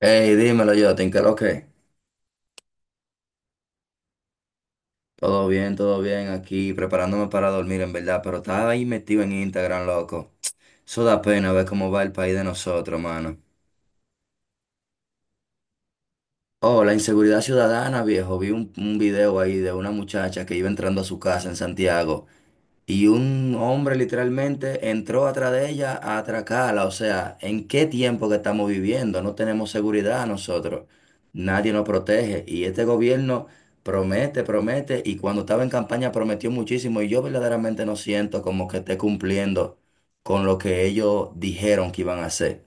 Hey, dímelo yo, ¿te lo ok? Todo bien aquí, preparándome para dormir en verdad, pero estaba ahí metido en Instagram, loco. Eso da pena ver cómo va el país de nosotros, mano. Oh, la inseguridad ciudadana, viejo. Vi un video ahí de una muchacha que iba entrando a su casa en Santiago. Y un hombre literalmente entró atrás de ella a atracarla. O sea, ¿en qué tiempo que estamos viviendo? No tenemos seguridad nosotros. Nadie nos protege. Y este gobierno promete, promete. Y cuando estaba en campaña prometió muchísimo. Y yo verdaderamente no siento como que esté cumpliendo con lo que ellos dijeron que iban a hacer.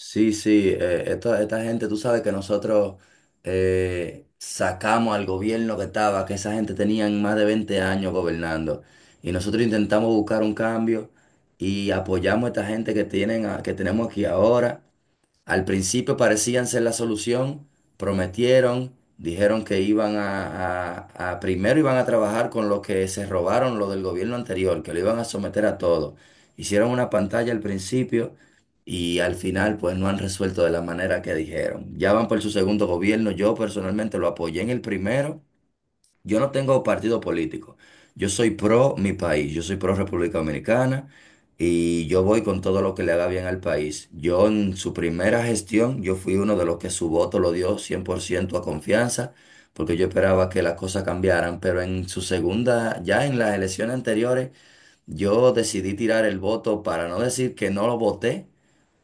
Sí, sí, esta gente, tú sabes que nosotros sacamos al gobierno que estaba, que esa gente tenían más de 20 años gobernando. Y nosotros intentamos buscar un cambio y apoyamos a esta gente que tienen, que tenemos aquí ahora. Al principio parecían ser la solución, prometieron, dijeron que iban a, primero iban a trabajar con lo que se robaron lo del gobierno anterior, que lo iban a someter a todo. Hicieron una pantalla al principio y al final pues no han resuelto de la manera que dijeron. Ya van por su segundo gobierno, yo personalmente lo apoyé en el primero. Yo no tengo partido político. Yo soy pro mi país, yo soy pro República Dominicana y yo voy con todo lo que le haga bien al país. Yo en su primera gestión, yo fui uno de los que su voto lo dio 100% a confianza, porque yo esperaba que las cosas cambiaran, pero en su segunda, ya en las elecciones anteriores, yo decidí tirar el voto para no decir que no lo voté,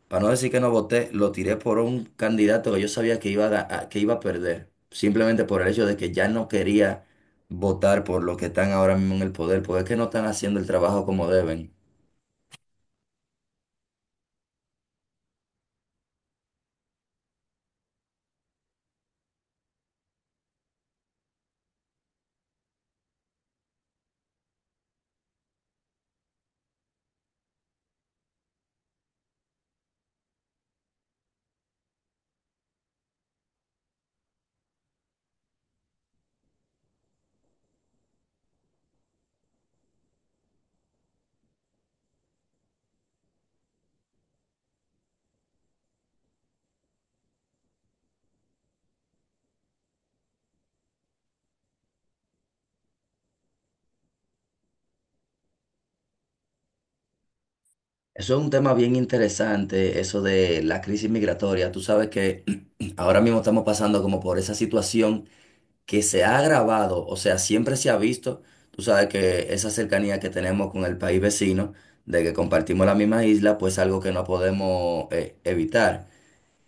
para no decir que no voté, lo tiré por un candidato que yo sabía que iba a que iba a perder, simplemente por el hecho de que ya no quería votar por los que están ahora mismo en el poder, porque es que no están haciendo el trabajo como deben. Eso es un tema bien interesante, eso de la crisis migratoria. Tú sabes que ahora mismo estamos pasando como por esa situación que se ha agravado, o sea, siempre se ha visto, tú sabes que esa cercanía que tenemos con el país vecino, de que compartimos la misma isla, pues algo que no podemos evitar.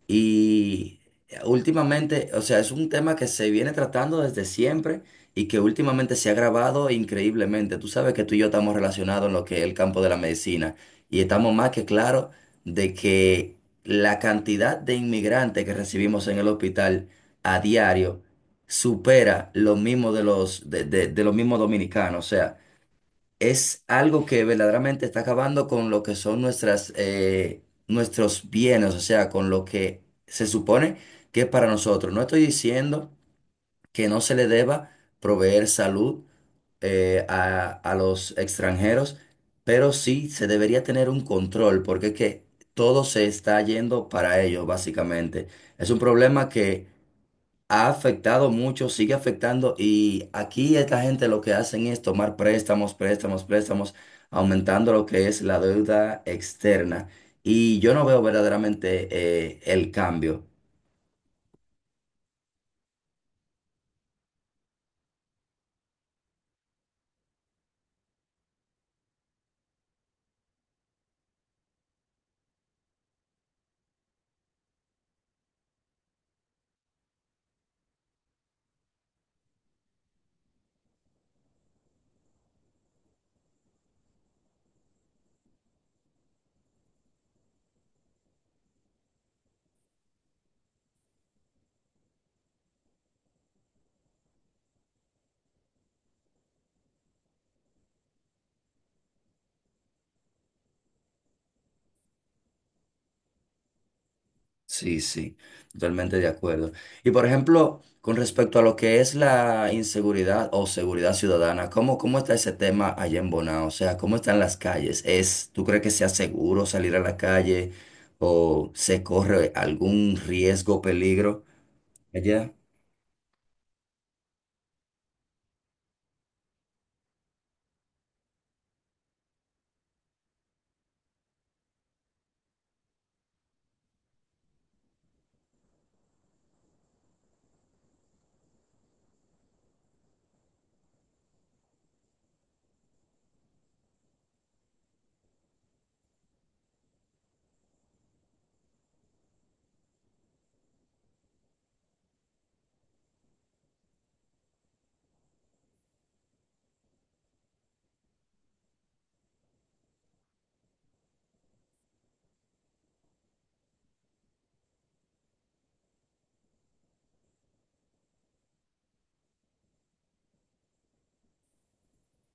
Y últimamente, o sea, es un tema que se viene tratando desde siempre y que últimamente se ha agravado increíblemente. Tú sabes que tú y yo estamos relacionados en lo que es el campo de la medicina y estamos más que claros de que la cantidad de inmigrantes que recibimos en el hospital a diario supera lo mismo de los mismos dominicanos. O sea, es algo que verdaderamente está acabando con lo que son nuestras, nuestros bienes, o sea, con lo que se supone que es para nosotros. No estoy diciendo que no se le deba proveer salud a los extranjeros, pero sí se debería tener un control, porque es que todo se está yendo para ellos, básicamente. Es un problema que ha afectado mucho, sigue afectando y aquí esta gente lo que hacen es tomar préstamos, préstamos, préstamos, aumentando lo que es la deuda externa. Y yo no veo verdaderamente el cambio. Sí, sí, totalmente de acuerdo. Y por ejemplo, con respecto a lo que es la inseguridad o seguridad ciudadana, ¿cómo está ese tema allá en Bonao? O sea, ¿cómo están las calles? ¿Es, tú crees que sea seguro salir a la calle o se corre algún riesgo, peligro? Allá,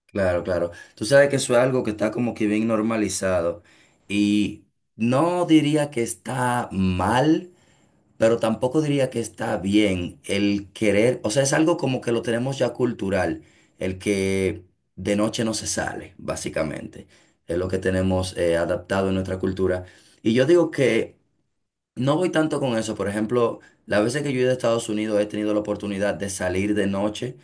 claro, claro. Tú sabes que eso es algo que está como que bien normalizado y no diría que está mal, pero tampoco diría que está bien el querer, o sea, es algo como que lo tenemos ya cultural, el que de noche no se sale, básicamente, es lo que tenemos adaptado en nuestra cultura. Y yo digo que no voy tanto con eso. Por ejemplo, las veces que yo he ido a Estados Unidos he tenido la oportunidad de salir de noche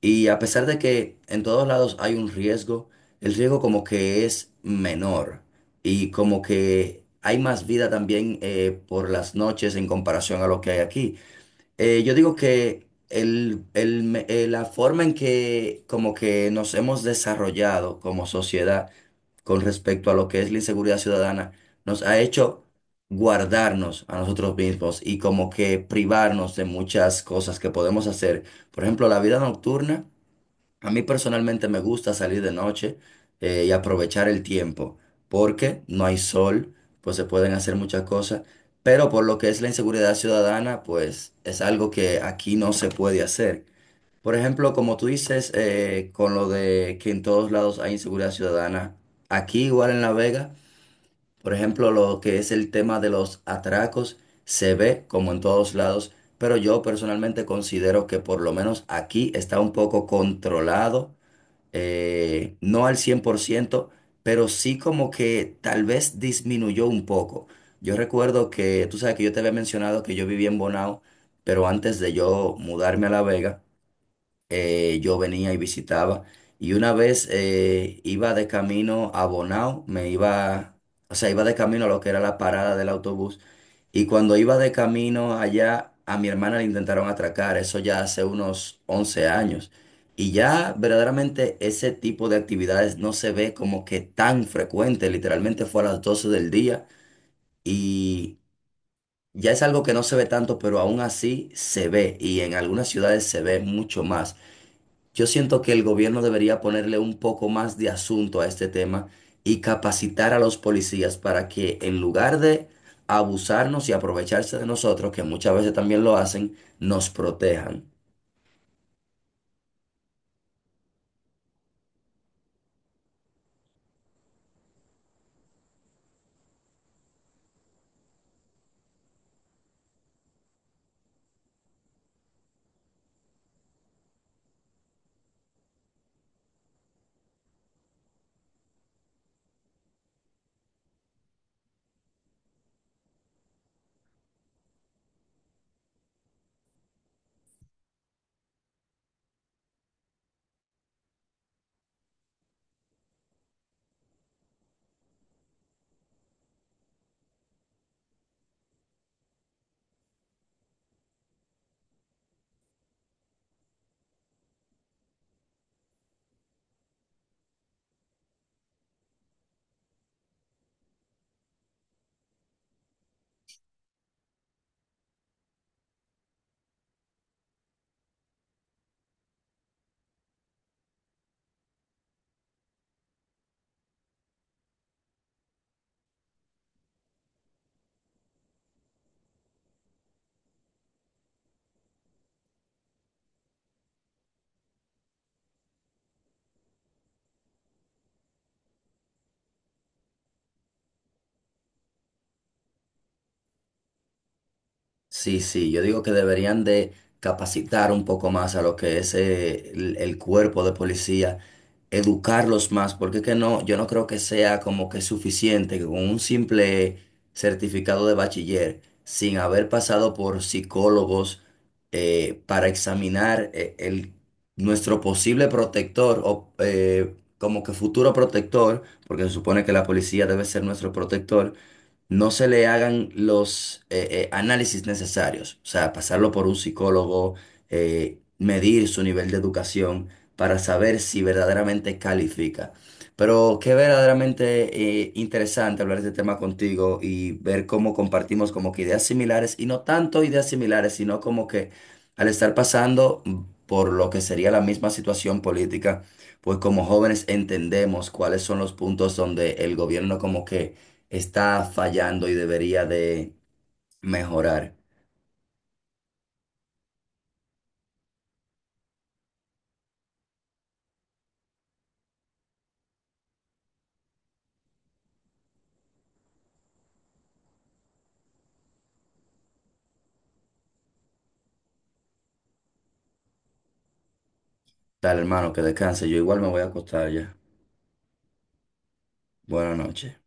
y a pesar de que en todos lados hay un riesgo, el riesgo como que es menor y como que hay más vida también por las noches en comparación a lo que hay aquí. Yo digo que la forma en que como que nos hemos desarrollado como sociedad con respecto a lo que es la inseguridad ciudadana, nos ha hecho guardarnos a nosotros mismos y como que privarnos de muchas cosas que podemos hacer. Por ejemplo, la vida nocturna, a mí personalmente me gusta salir de noche y aprovechar el tiempo, porque no hay sol, pues se pueden hacer muchas cosas, pero por lo que es la inseguridad ciudadana, pues es algo que aquí no se puede hacer. Por ejemplo, como tú dices, con lo de que en todos lados hay inseguridad ciudadana, aquí igual en La Vega, por ejemplo, lo que es el tema de los atracos se ve como en todos lados, pero yo personalmente considero que por lo menos aquí está un poco controlado, no al 100%, pero sí como que tal vez disminuyó un poco. Yo recuerdo que, tú sabes que yo te había mencionado que yo vivía en Bonao, pero antes de yo mudarme a La Vega, yo venía y visitaba. Y una vez iba de camino a Bonao, me iba, o sea, iba de camino a lo que era la parada del autobús. Y cuando iba de camino allá, a mi hermana le intentaron atracar, eso ya hace unos 11 años. Y ya verdaderamente ese tipo de actividades no se ve como que tan frecuente, literalmente fue a las 12 del día y ya es algo que no se ve tanto, pero aún así se ve y en algunas ciudades se ve mucho más. Yo siento que el gobierno debería ponerle un poco más de asunto a este tema y capacitar a los policías para que en lugar de abusarnos y aprovecharse de nosotros, que muchas veces también lo hacen, nos protejan. Sí, sí, yo digo que deberían de capacitar un poco más a lo que es el cuerpo de policía, educarlos más, porque es que no, yo no creo que sea como que suficiente que con un simple certificado de bachiller, sin haber pasado por psicólogos para examinar nuestro posible protector o como que futuro protector, porque se supone que la policía debe ser nuestro protector, no se le hagan los análisis necesarios, o sea, pasarlo por un psicólogo, medir su nivel de educación para saber si verdaderamente califica. Pero qué verdaderamente interesante hablar de este tema contigo y ver cómo compartimos como que ideas similares y no tanto ideas similares, sino como que al estar pasando por lo que sería la misma situación política, pues como jóvenes entendemos cuáles son los puntos donde el gobierno como que está fallando y debería de mejorar. Dale, hermano, que descanse. Yo igual me voy a acostar ya. Buenas noches.